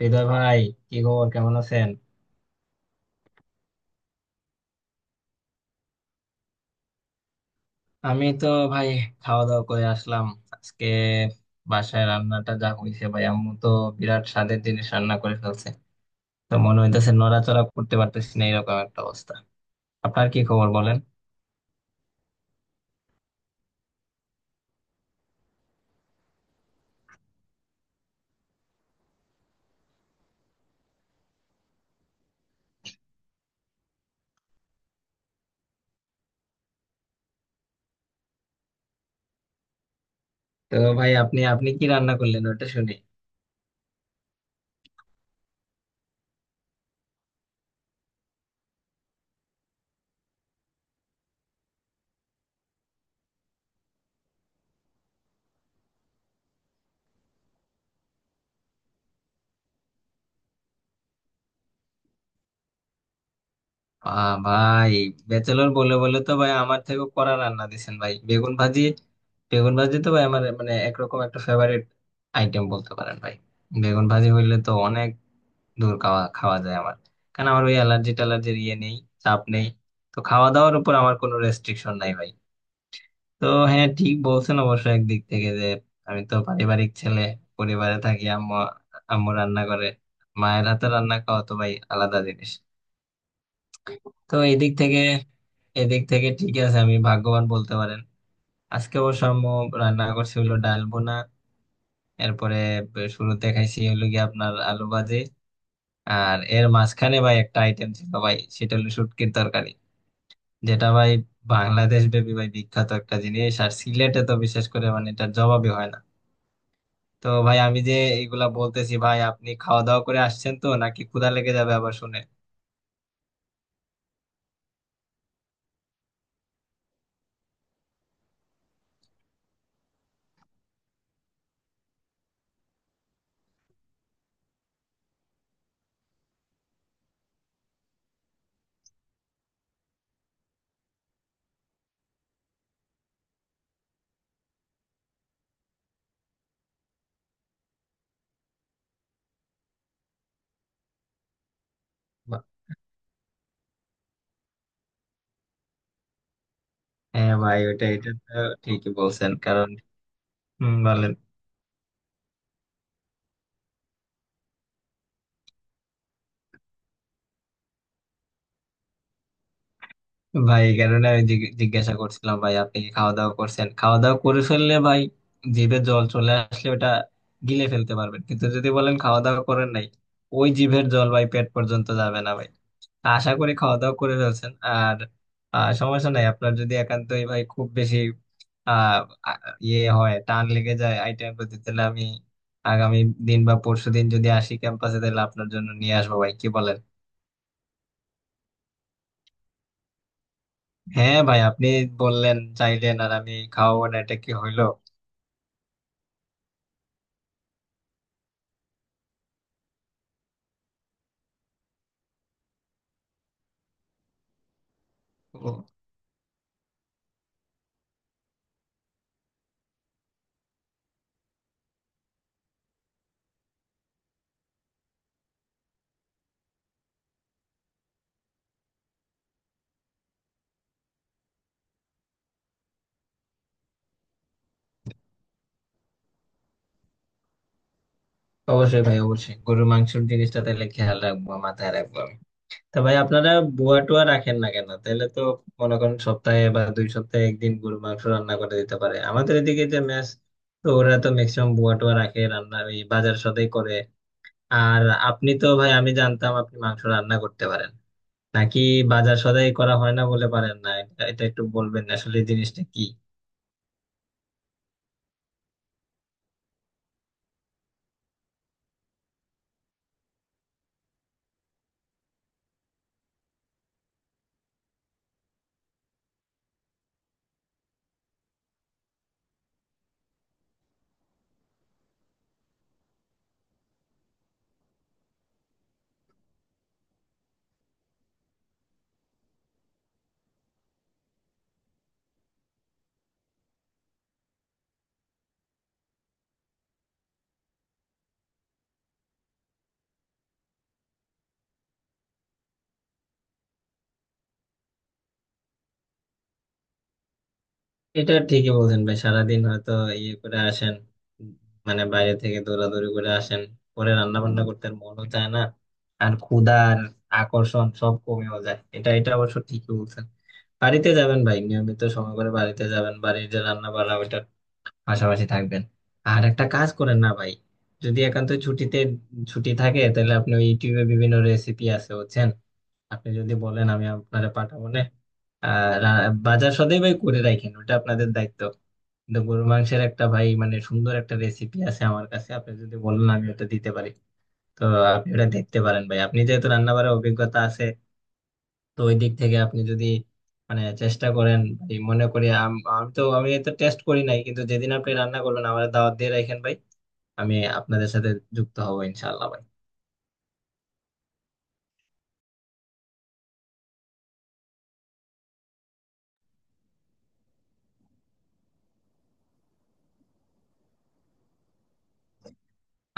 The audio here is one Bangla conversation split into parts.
হৃদয় ভাই, কি খবর? কেমন আছেন? আমি তো ভাই খাওয়া দাওয়া করে আসলাম আজকে। বাসায় রান্নাটা যা হয়েছে ভাই, আম্মু তো বিরাট স্বাদের জিনিস রান্না করে ফেলছে। তো মনে হইতেছে নড়াচড়া করতে পারতেছি না, এরকম একটা অবস্থা। আপনার কি খবর বলেন। তো ভাই, আপনি আপনি কি রান্না করলেন ওটা শুনি। আহ ভাই, ব্যাচেলর বলে বলে তো ভাই আমার থেকে কড়া রান্না দিছেন ভাই। বেগুন ভাজি, বেগুন ভাজি তো ভাই আমার মানে একরকম একটা ফেভারিট আইটেম বলতে পারেন ভাই। বেগুন ভাজি হইলে তো অনেক ধুর খাওয়া খাওয়া যায় আমার। কারণ আমার ওই অ্যালার্জি টালার্জির ইয়ে নেই, চাপ নেই। তো খাওয়া দাওয়ার উপর আমার কোনো রেস্ট্রিকশন নাই ভাই। তো হ্যাঁ, ঠিক বলছেন অবশ্য একদিক থেকে, যে আমি তো পারিবারিক ছেলে, পরিবারে থাকি। আম্মু আম্মু রান্না করে। মায়ের হাতে রান্না খাওয়া তো ভাই আলাদা জিনিস। তো এদিক থেকে ঠিক আছে, আমি ভাগ্যবান বলতে পারেন। আজকে অবশ্য আম্মু রান্না করছে হলো ডাল বোনা, এরপরে শুরুতে খাইছি হলো গিয়ে আপনার আলু ভাজি। আর এর মাঝখানে ভাই একটা আইটেম ছিল ভাই, সেটা হলো শুটকির তরকারি, যেটা ভাই বাংলাদেশ ব্যাপী ভাই বিখ্যাত একটা জিনিস, আর সিলেটে তো বিশেষ করে মানে এটার জবাবই হয় না। তো ভাই আমি যে এগুলা বলতেছি ভাই, আপনি খাওয়া দাওয়া করে আসছেন তো? নাকি ক্ষুধা লেগে যাবে আবার শুনে? বা- হ্যাঁ ভাই ওটা এটা তো ঠিকই বলছেন। কারণ হম, বলেন ভাই। কেননা আমি জিজ্ঞাসা করছিলাম ভাই আপনি কি খাওয়া দাওয়া করছেন। খাওয়া দাওয়া করে ফেললে ভাই জিভে জল চলে আসলে ওটা গিলে ফেলতে পারবেন, কিন্তু যদি বলেন খাওয়া দাওয়া করেন নাই, ওই জিভের জল ভাই পেট পর্যন্ত যাবে না ভাই। আশা করি খাওয়া দাওয়া করে ফেলছেন। আর সমস্যা নাই, আপনার যদি একান্তই ভাই খুব বেশি আহ আ- ইয়ে হয়, টান লেগে যায় আইটেম প্রতি, তাহলে আমি আগামী দিন বা পরশু দিন যদি আসি ক্যাম্পাসে, তাহলে আপনার জন্য নিয়ে আসবো ভাই, কি বলেন। হ্যাঁ ভাই আপনি বললেন, চাইলেন, আর আমি খাওয়াবো না, এটা কি হইলো। ও, অবশ্যই ভাই, অবশ্যই গরুর মাংসের জিনিসটা তাহলে খেয়াল রাখবো, মাথায় রাখবো আমি। তা ভাই আপনারা বুয়া টুয়া রাখেন না কেন? তাহলে তো মনে করেন সপ্তাহে বা দুই সপ্তাহে একদিন গরুর মাংস রান্না করে দিতে পারে। আমাদের এদিকে যে মেস, তো ওরা তো ম্যাক্সিমাম বুয়া টুয়া রাখে, রান্না এই বাজার সদাই করে। আর আপনি তো ভাই, আমি জানতাম আপনি মাংস রান্না করতে পারেন নাকি বাজার সদাই করা হয় না বলে পারেন না, এটা এটা একটু বলবেন আসলে এই জিনিসটা কি। এটা ঠিকই বলছেন ভাই, সারাদিন হয়তো ইয়ে করে আসেন, মানে বাইরে থেকে দৌড়াদৌড়ি করে আসেন, পরে রান্না বান্না করতে আর মনও চায় না। আর ক্ষুধার আকর্ষণ সব কমেও যায়, এটা এটা অবশ্য ঠিকই বলছেন। বাড়িতে যাবেন ভাই, নিয়মিত সময় করে বাড়িতে যাবেন, বাড়ির যে রান্না বান্না ওইটার পাশাপাশি থাকবেন। আর একটা কাজ করেন না ভাই, যদি একান্ত ছুটিতে ছুটি থাকে, তাহলে আপনি ওই ইউটিউবে বিভিন্ন রেসিপি আছে হচ্ছেন, আপনি যদি বলেন আমি আপনারে পাঠাবো না। বাজার সদাই ভাই করে রাখেন, ওটা আপনাদের দায়িত্ব, কিন্তু গরুর মাংসের একটা ভাই মানে সুন্দর একটা রেসিপি আছে আমার কাছে, আপনি যদি বলেন আমি ওটা দিতে পারি। তো আপনি ওটা দেখতে পারেন ভাই, আপনি যেহেতু রান্না করার অভিজ্ঞতা আছে, তো ওই দিক থেকে আপনি যদি মানে চেষ্টা করেন ভাই, মনে করি আমি তো টেস্ট করি নাই, কিন্তু যেদিন আপনি রান্না করবেন আমার দাওয়াত দিয়ে রাখেন ভাই, আমি আপনাদের সাথে যুক্ত হবো ইনশাল্লাহ ভাই।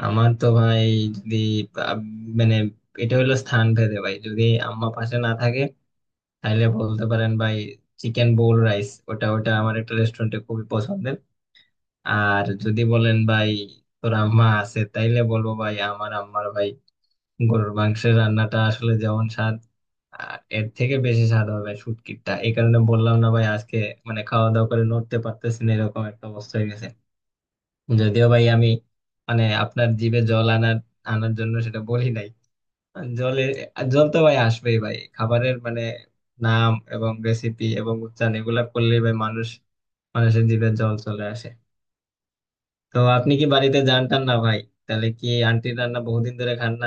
আমার তো ভাই যদি আহ, মানে, এটা হলো স্থান ভেদে ভাই। যদি আম্মা পাশে না থাকে তাহলে বলতে পারেন ভাই চিকেন বোল রাইস, ওটা ওটা আমার একটা রেস্টুরেন্টে খুবই পছন্দের। আর যদি বলেন ভাই তোর আম্মা আছে, তাইলে বলবো ভাই আমার আম্মার ভাই গরুর মাংসের রান্নাটা আসলে যেমন স্বাদ, আর এর থেকে বেশি স্বাদ হবে শুটকিটা, এই কারণে বললাম না ভাই আজকে মানে খাওয়া দাওয়া করে নড়তে পারতেছি না, এরকম একটা অবস্থা হয়ে গেছে। যদিও ভাই আমি মানে আপনার জিভে জল আনার আনার জন্য সেটা বলি নাই। জলে জল তো ভাই আসবেই ভাই, খাবারের মানে নাম এবং রেসিপি এবং উচ্চারণ এগুলা করলেই ভাই মানুষ, মানুষের জিভে জল চলে আসে। তো আপনি কি বাড়িতে যান টান না ভাই? তাহলে কি আন্টির রান্না বহুদিন ধরে খান না?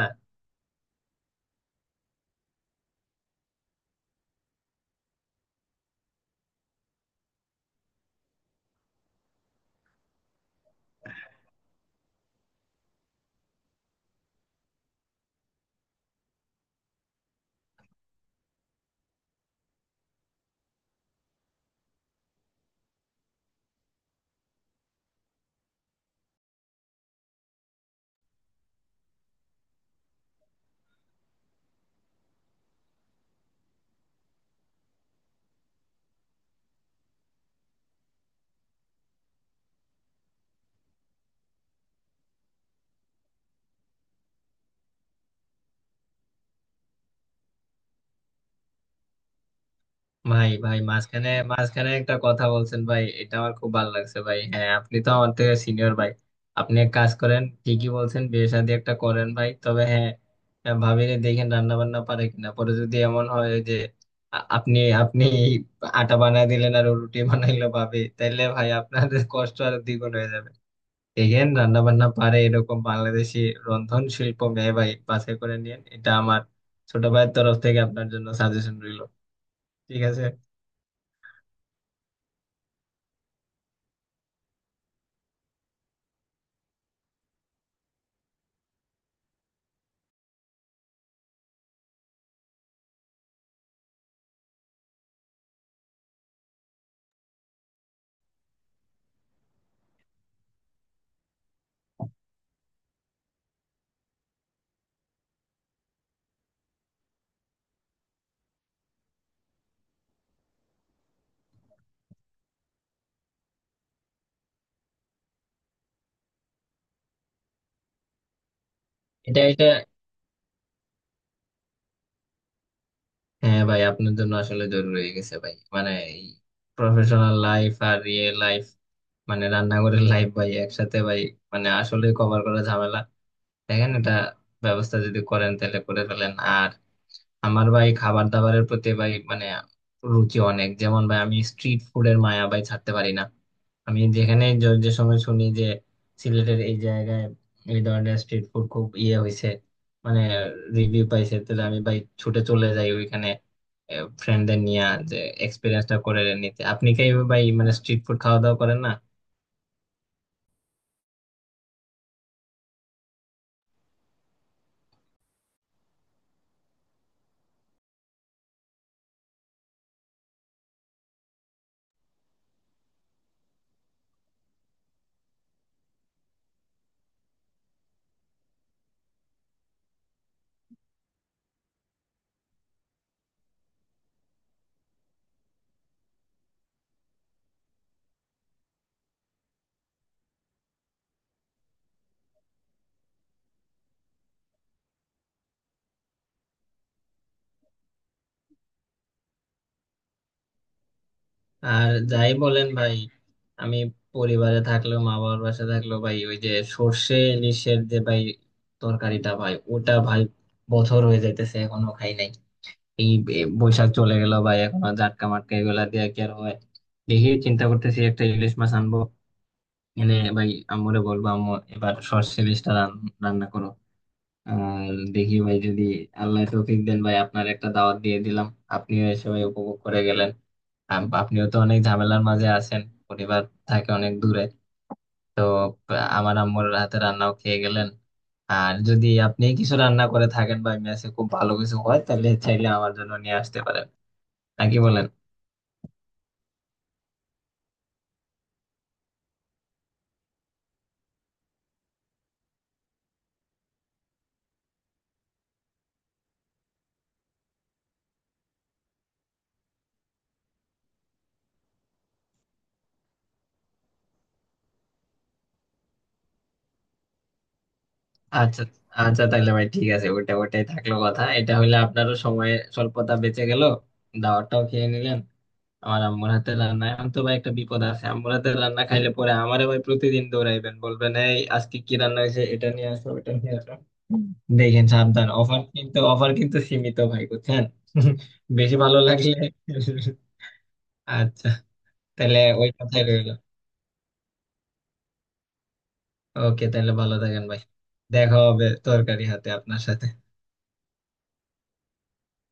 ভাই ভাই মাঝখানে মাঝখানে একটা কথা বলছেন ভাই, এটা আমার খুব ভালো লাগছে ভাই। হ্যাঁ আপনি তো আমার থেকে সিনিয়র ভাই, আপনি এক কাজ করেন, ঠিকই বলছেন, বিয়ে শাদী একটা করেন ভাই। তবে হ্যাঁ, হ্যাঁ, ভাবিনি দেখেন রান্না বান্না পারে কিনা। পরে যদি এমন হয় যে আপনি আপনি আটা বানায় দিলেন আর ও রুটি বানাইলো ভাবে, তাহলে ভাই আপনার কষ্ট আরো দ্বিগুণ হয়ে যাবে। এগেন রান্না বান্না পারে এরকম বাংলাদেশি রন্ধন শিল্প মেহবাই বাছাই করে নিয়েন, এটা আমার ছোট ভাইয়ের তরফ থেকে আপনার জন্য সাজেশন রইল, ঠিক আছে। এটা এটা হ্যাঁ ভাই আপনার জন্য আসলে জরুরি হয়ে গেছে ভাই, মানে এই প্রফেশনাল লাইফ আর রিয়েল লাইফ মানে রান্নাঘরের লাইফ ভাই একসাথে ভাই মানে আসলে কভার করা ঝামেলা। দেখেন এটা ব্যবস্থা যদি করেন তাহলে করে ফেলেন। আর আমার ভাই খাবার দাবারের প্রতি ভাই মানে রুচি অনেক, যেমন ভাই আমি স্ট্রিট ফুডের মায়া ভাই ছাড়তে পারি না। আমি যেখানে যে সময় শুনি যে সিলেটের এই জায়গায় এই ধরনের স্ট্রিট ফুড খুব ইয়ে হয়েছে, মানে রিভিউ পাইছে, তাহলে আমি ভাই ছুটে চলে যাই ওইখানে ফ্রেন্ডদের নিয়ে, যে এক্সপিরিয়েন্সটা করে নিতে। আপনি কি ভাই মানে স্ট্রিট ফুড খাওয়া দাওয়া করেন না? আর যাই বলেন ভাই, আমি পরিবারে থাকলেও, মা বাবার বাসায় থাকলেও ভাই, ওই যে সর্ষে ইলিশের যে ভাই তরকারিটা ভাই, ওটা ভাই বছর হয়ে যাইতেছে এখনো খাই নাই। এই বৈশাখ চলে গেল ভাই, এখনো জাটকা মাটকা এগুলা দিয়ে কি আর হয়। দেখি চিন্তা করতেছি একটা ইলিশ মাছ আনবো, এনে ভাই আম্মুরে বলবো আম্মু এবার সর্ষে ইলিশটা রান্না করো। আর দেখি ভাই যদি আল্লাহ তৌফিক দেন ভাই, আপনার একটা দাওয়াত দিয়ে দিলাম, আপনিও এসে ভাই উপভোগ করে গেলেন। আপনিও তো অনেক ঝামেলার মাঝে আছেন, পরিবার থাকে অনেক দূরে, তো আমার আম্মুর হাতে রান্নাও খেয়ে গেলেন। আর যদি আপনি কিছু রান্না করে থাকেন বা মেসে খুব ভালো কিছু হয়, তাহলে চাইলে আমার জন্য নিয়ে আসতে পারেন, নাকি বলেন। আচ্ছা, আচ্ছা তাহলে ভাই ঠিক আছে, ওটা ওটাই থাকলো কথা, এটা হইলে আপনারও সময় স্বল্পতা বেঁচে গেল, দাওয়াতটাও খেয়ে নিলেন। আমার আম্মুর হাতের রান্না এখন তো ভাই একটা বিপদ আছে, আম্মুর হাতের রান্না খাইলে পরে আমারে ভাই প্রতিদিন দৌড়াইবেন, বলবেন এই আজকে কি রান্না হয়েছে, এটা নিয়ে আসো, এটা নিয়ে আসো। দেখেন সাবধান, অফার কিন্তু, অফার কিন্তু সীমিত ভাই, বুঝছেন। বেশি ভালো লাগলে আচ্ছা, তাহলে ওই কথাই রইলো। ওকে, তাহলে ভালো থাকেন ভাই, দেখা হবে তরকারি হাতে আপনার সাথে।